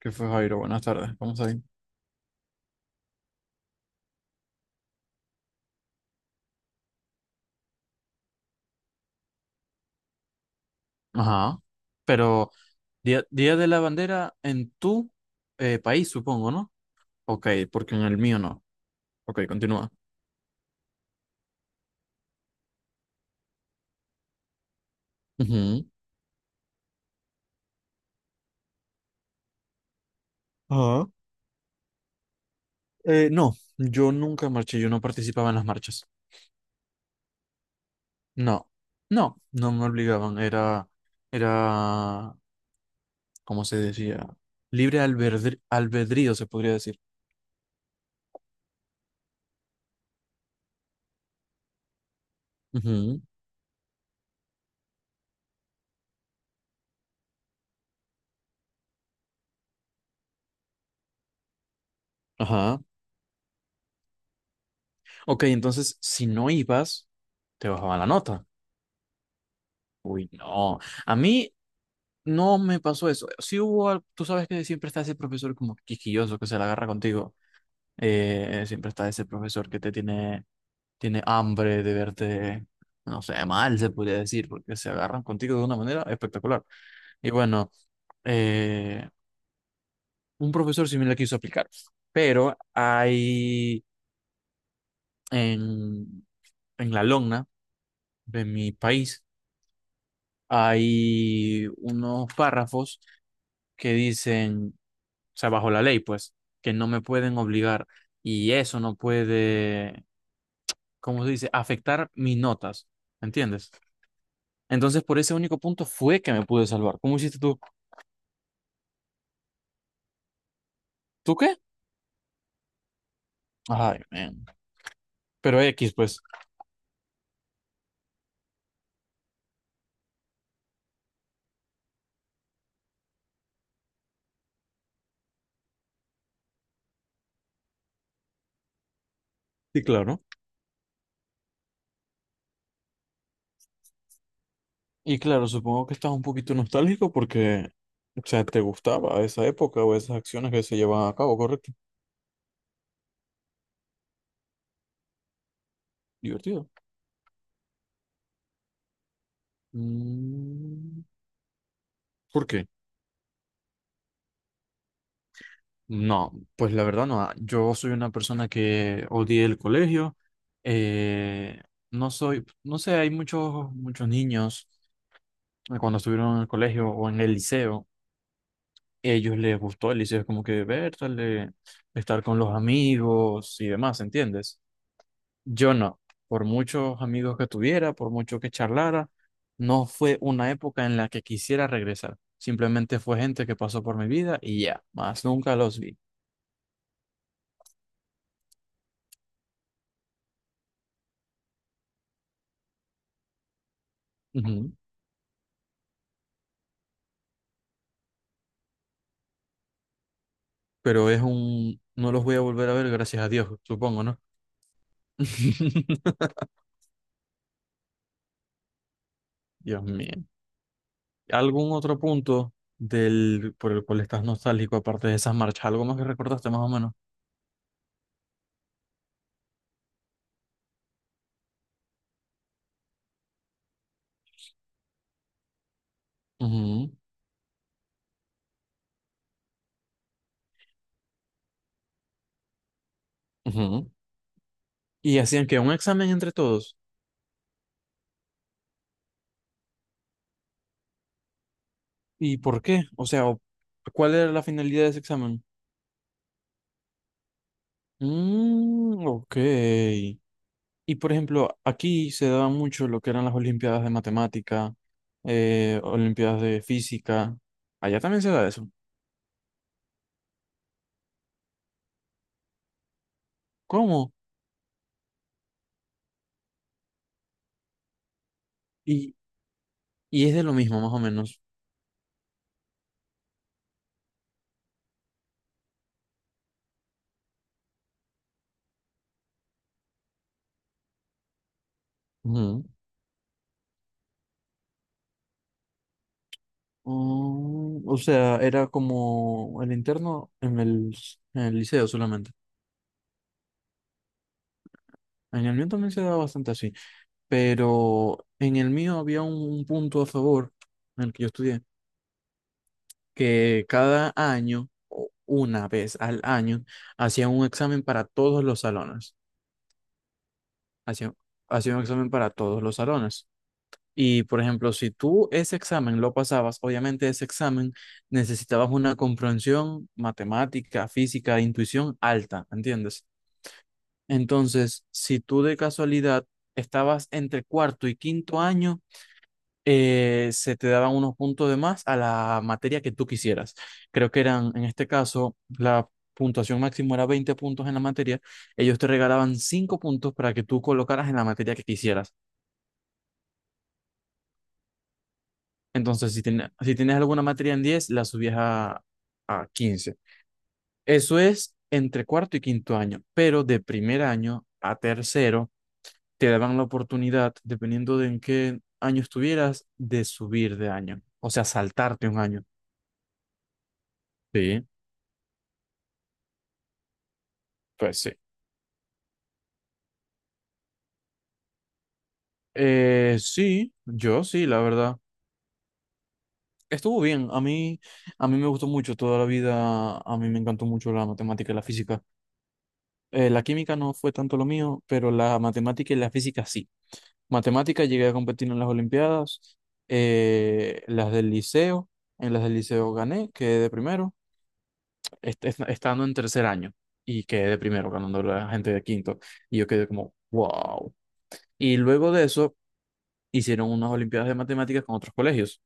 ¿Qué fue, Jairo? Buenas tardes. Vamos ahí. Ajá. Pero Día de la Bandera en tu país, supongo, ¿no? Ok, porque en el mío no. Ok, continúa. Ujú. Ajá. No, yo nunca marché, yo no participaba en las marchas. No, no, no me obligaban. Era, ¿cómo se decía? Libre albedrío, se podría decir. Ujú, ajá. Ok, entonces, si no ibas, te bajaban la nota. Uy, no. A mí, no me pasó eso. Sí hubo, tú sabes que siempre está ese profesor como quisquilloso que se la agarra contigo. Siempre está ese profesor que te tiene hambre de verte, no sé, mal se podría decir, porque se agarran contigo de una manera espectacular. Y bueno, eh, un profesor sí me la quiso aplicar, pero hay en, en la Logna de mi país hay unos párrafos que dicen, o sea, bajo la ley, pues, que no me pueden obligar y eso no puede, ¿cómo se dice?, afectar mis notas, ¿entiendes? Entonces, por ese único punto fue que me pude salvar. ¿Cómo hiciste tú? ¿Tú qué? Ay, man. Pero X, pues. Sí, claro. Y claro, supongo que estás un poquito nostálgico porque, o sea, te gustaba esa época o esas acciones que se llevaban a cabo, ¿correcto? Divertido. Mm. ¿Por qué? No, pues la verdad no. Yo soy una persona que odié el colegio. eh, no soy, no sé, hay muchos, muchos niños cuando estuvieron en el colegio o en el liceo, ellos les gustó el liceo, es como que verle, estar con los amigos y demás, ¿entiendes? Yo no. Por muchos amigos que tuviera, por mucho que charlara, no fue una época en la que quisiera regresar. Simplemente fue gente que pasó por mi vida y ya, más nunca los vi. Ujú. No los voy a volver a ver, gracias a Dios, supongo, ¿no? Dios mío. ¿Algún otro punto por el cual estás nostálgico, aparte de esas marchas? ¿Algo más que recordaste, más o menos? Ujú, ujú. Y hacían que un examen entre todos. ¿Y por qué? O sea, ¿cuál era la finalidad de ese examen? Mm, ok. Y por ejemplo, aquí se daba mucho lo que eran las olimpiadas de matemática, olimpiadas de física. Allá también se da eso. ¿Cómo? Y, y es de lo mismo, más o menos. Ujú. Mm, o sea, era como el interno en el liceo solamente. En el mío también se daba bastante así, pero en el mío había un punto a favor en el que yo estudié, que cada año, o una vez al año, hacían un examen para todos los salones. Hacían, hacían un examen para todos los salones. Y, por ejemplo, si tú ese examen lo pasabas, obviamente ese examen necesitabas una comprensión matemática, física, intuición alta, ¿entiendes? Entonces, si tú de casualidad estabas entre cuarto y quinto año, se te daban unos puntos de más a la materia que tú quisieras. Creo que eran, en este caso, la puntuación máxima era 20 puntos en la materia. Ellos te regalaban 5 puntos para que tú colocaras en la materia que quisieras. Entonces, si, si tienes alguna materia en 10 la subías a 15. Eso es entre cuarto y quinto año, pero de primer año a tercero te daban la oportunidad, dependiendo de en qué año estuvieras, de subir de año, o sea, saltarte un año. Sí, pues sí. Sí, yo sí, la verdad. Estuvo bien, a mí me gustó mucho toda la vida, a mí me encantó mucho la matemática y la física. La química no fue tanto lo mío, pero la matemática y la física sí. Matemáticas, llegué a competir en las Olimpiadas, las del liceo, en las del liceo gané, quedé de primero, estando en tercer año y quedé de primero, ganando la gente de quinto, y yo quedé como, wow. Y luego de eso hicieron unas Olimpiadas de Matemáticas con otros colegios,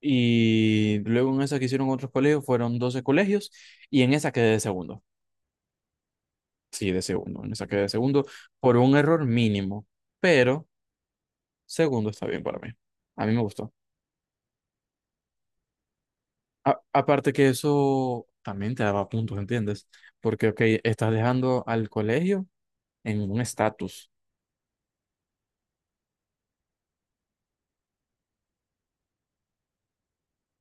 y luego en esa que hicieron otros colegios fueron 12 colegios, y en esa quedé de segundo, sí, de segundo, en esa quedé de segundo por un error mínimo, pero segundo está bien para mí, a mí me gustó. Aparte que eso también te daba puntos, ¿entiendes? Porque, ok, estás dejando al colegio en un estatus.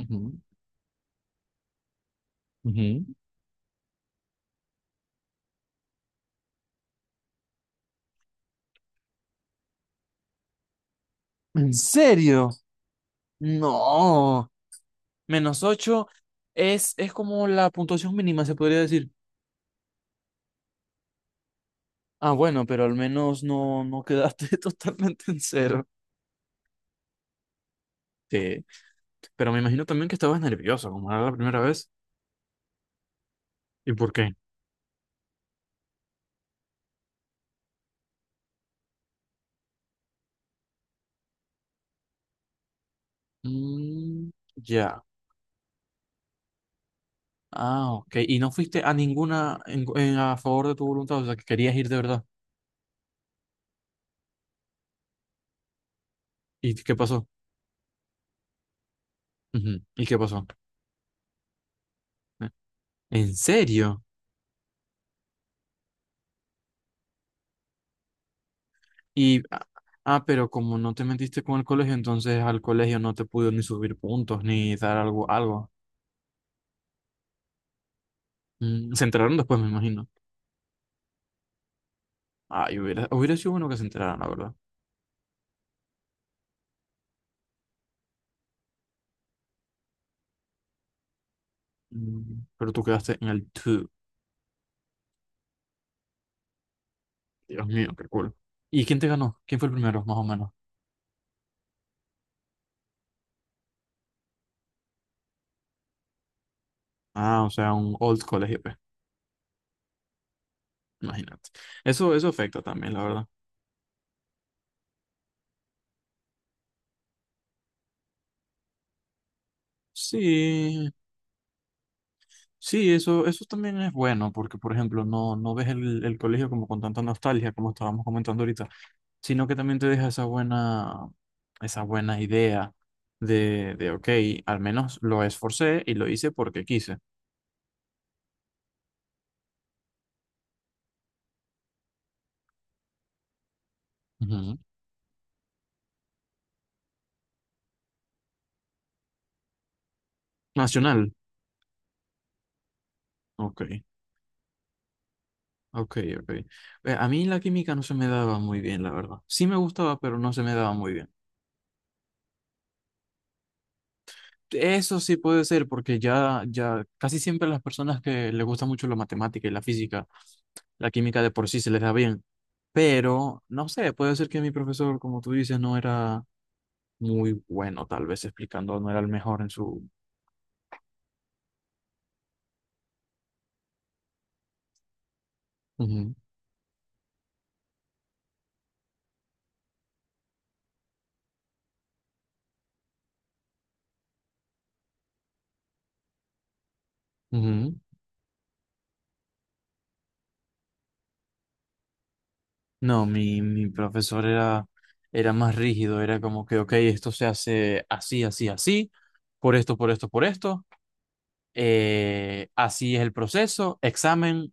Ujú, ujú. ¿En serio? No, -8 es como la puntuación mínima, se podría decir. Ah, bueno, pero al menos no, no quedaste totalmente en cero. Sí, pero me imagino también que estabas nervioso, como era la primera vez. ¿Y por qué? Mm, ya. Ah, ok. ¿Y no fuiste a ninguna a favor de tu voluntad? O sea, que querías ir de verdad. ¿Y qué pasó? Ujú. ¿Y qué pasó? Eh, ¿En serio? Y, ah, pero como no te metiste con el colegio, entonces al colegio no te pudo ni subir puntos, ni dar algo, algo. Mm, se enteraron después, me imagino. Ay, hubiera sido bueno que se enteraran, la verdad. Mm, pero tú quedaste en el 2. Dios mío, qué cool. ¿Y quién te ganó? ¿Quién fue el primero, más o menos? Ah, o sea, un old colegio, pues. Imagínate. Eso afecta también, la verdad. Sí, sí, eso también es bueno, porque por ejemplo, no, no ves el colegio como con tanta nostalgia, como estábamos comentando ahorita, sino que también te deja esa buena idea de ok, al menos lo esforcé y lo hice porque quise. Ujú. Nacional. Ok, ok, ok. A mí la química no se me daba muy bien, la verdad. Sí me gustaba, pero no se me daba muy bien. Eso sí puede ser, porque ya, ya casi siempre las personas que les gusta mucho la matemática y la física la química de por sí se les da bien, pero no sé, puede ser que mi profesor, como tú dices, no era muy bueno, tal vez explicando, no era el mejor en su... Ujú, ujú. No, mi profesor era más rígido, era como que, ok, esto se hace así, así, así, por esto, por esto, por esto, así es el proceso, examen.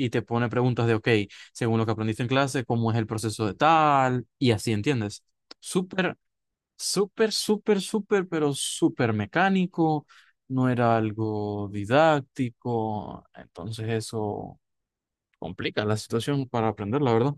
Y te pone preguntas de, ok, según lo que aprendiste en clase, ¿cómo es el proceso de tal? Y así, ¿entiendes? Súper súper, súper, súper, pero súper mecánico, no era algo didáctico, entonces eso complica la situación para aprender, la verdad.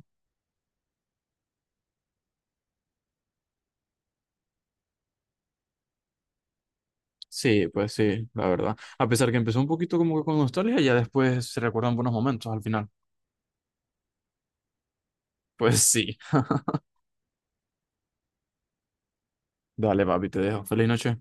Sí, pues sí, la verdad. A pesar que empezó un poquito como que con nostalgia, ya después se recuerdan buenos momentos al final. Pues sí. Dale, papi, te dejo. Feliz noche.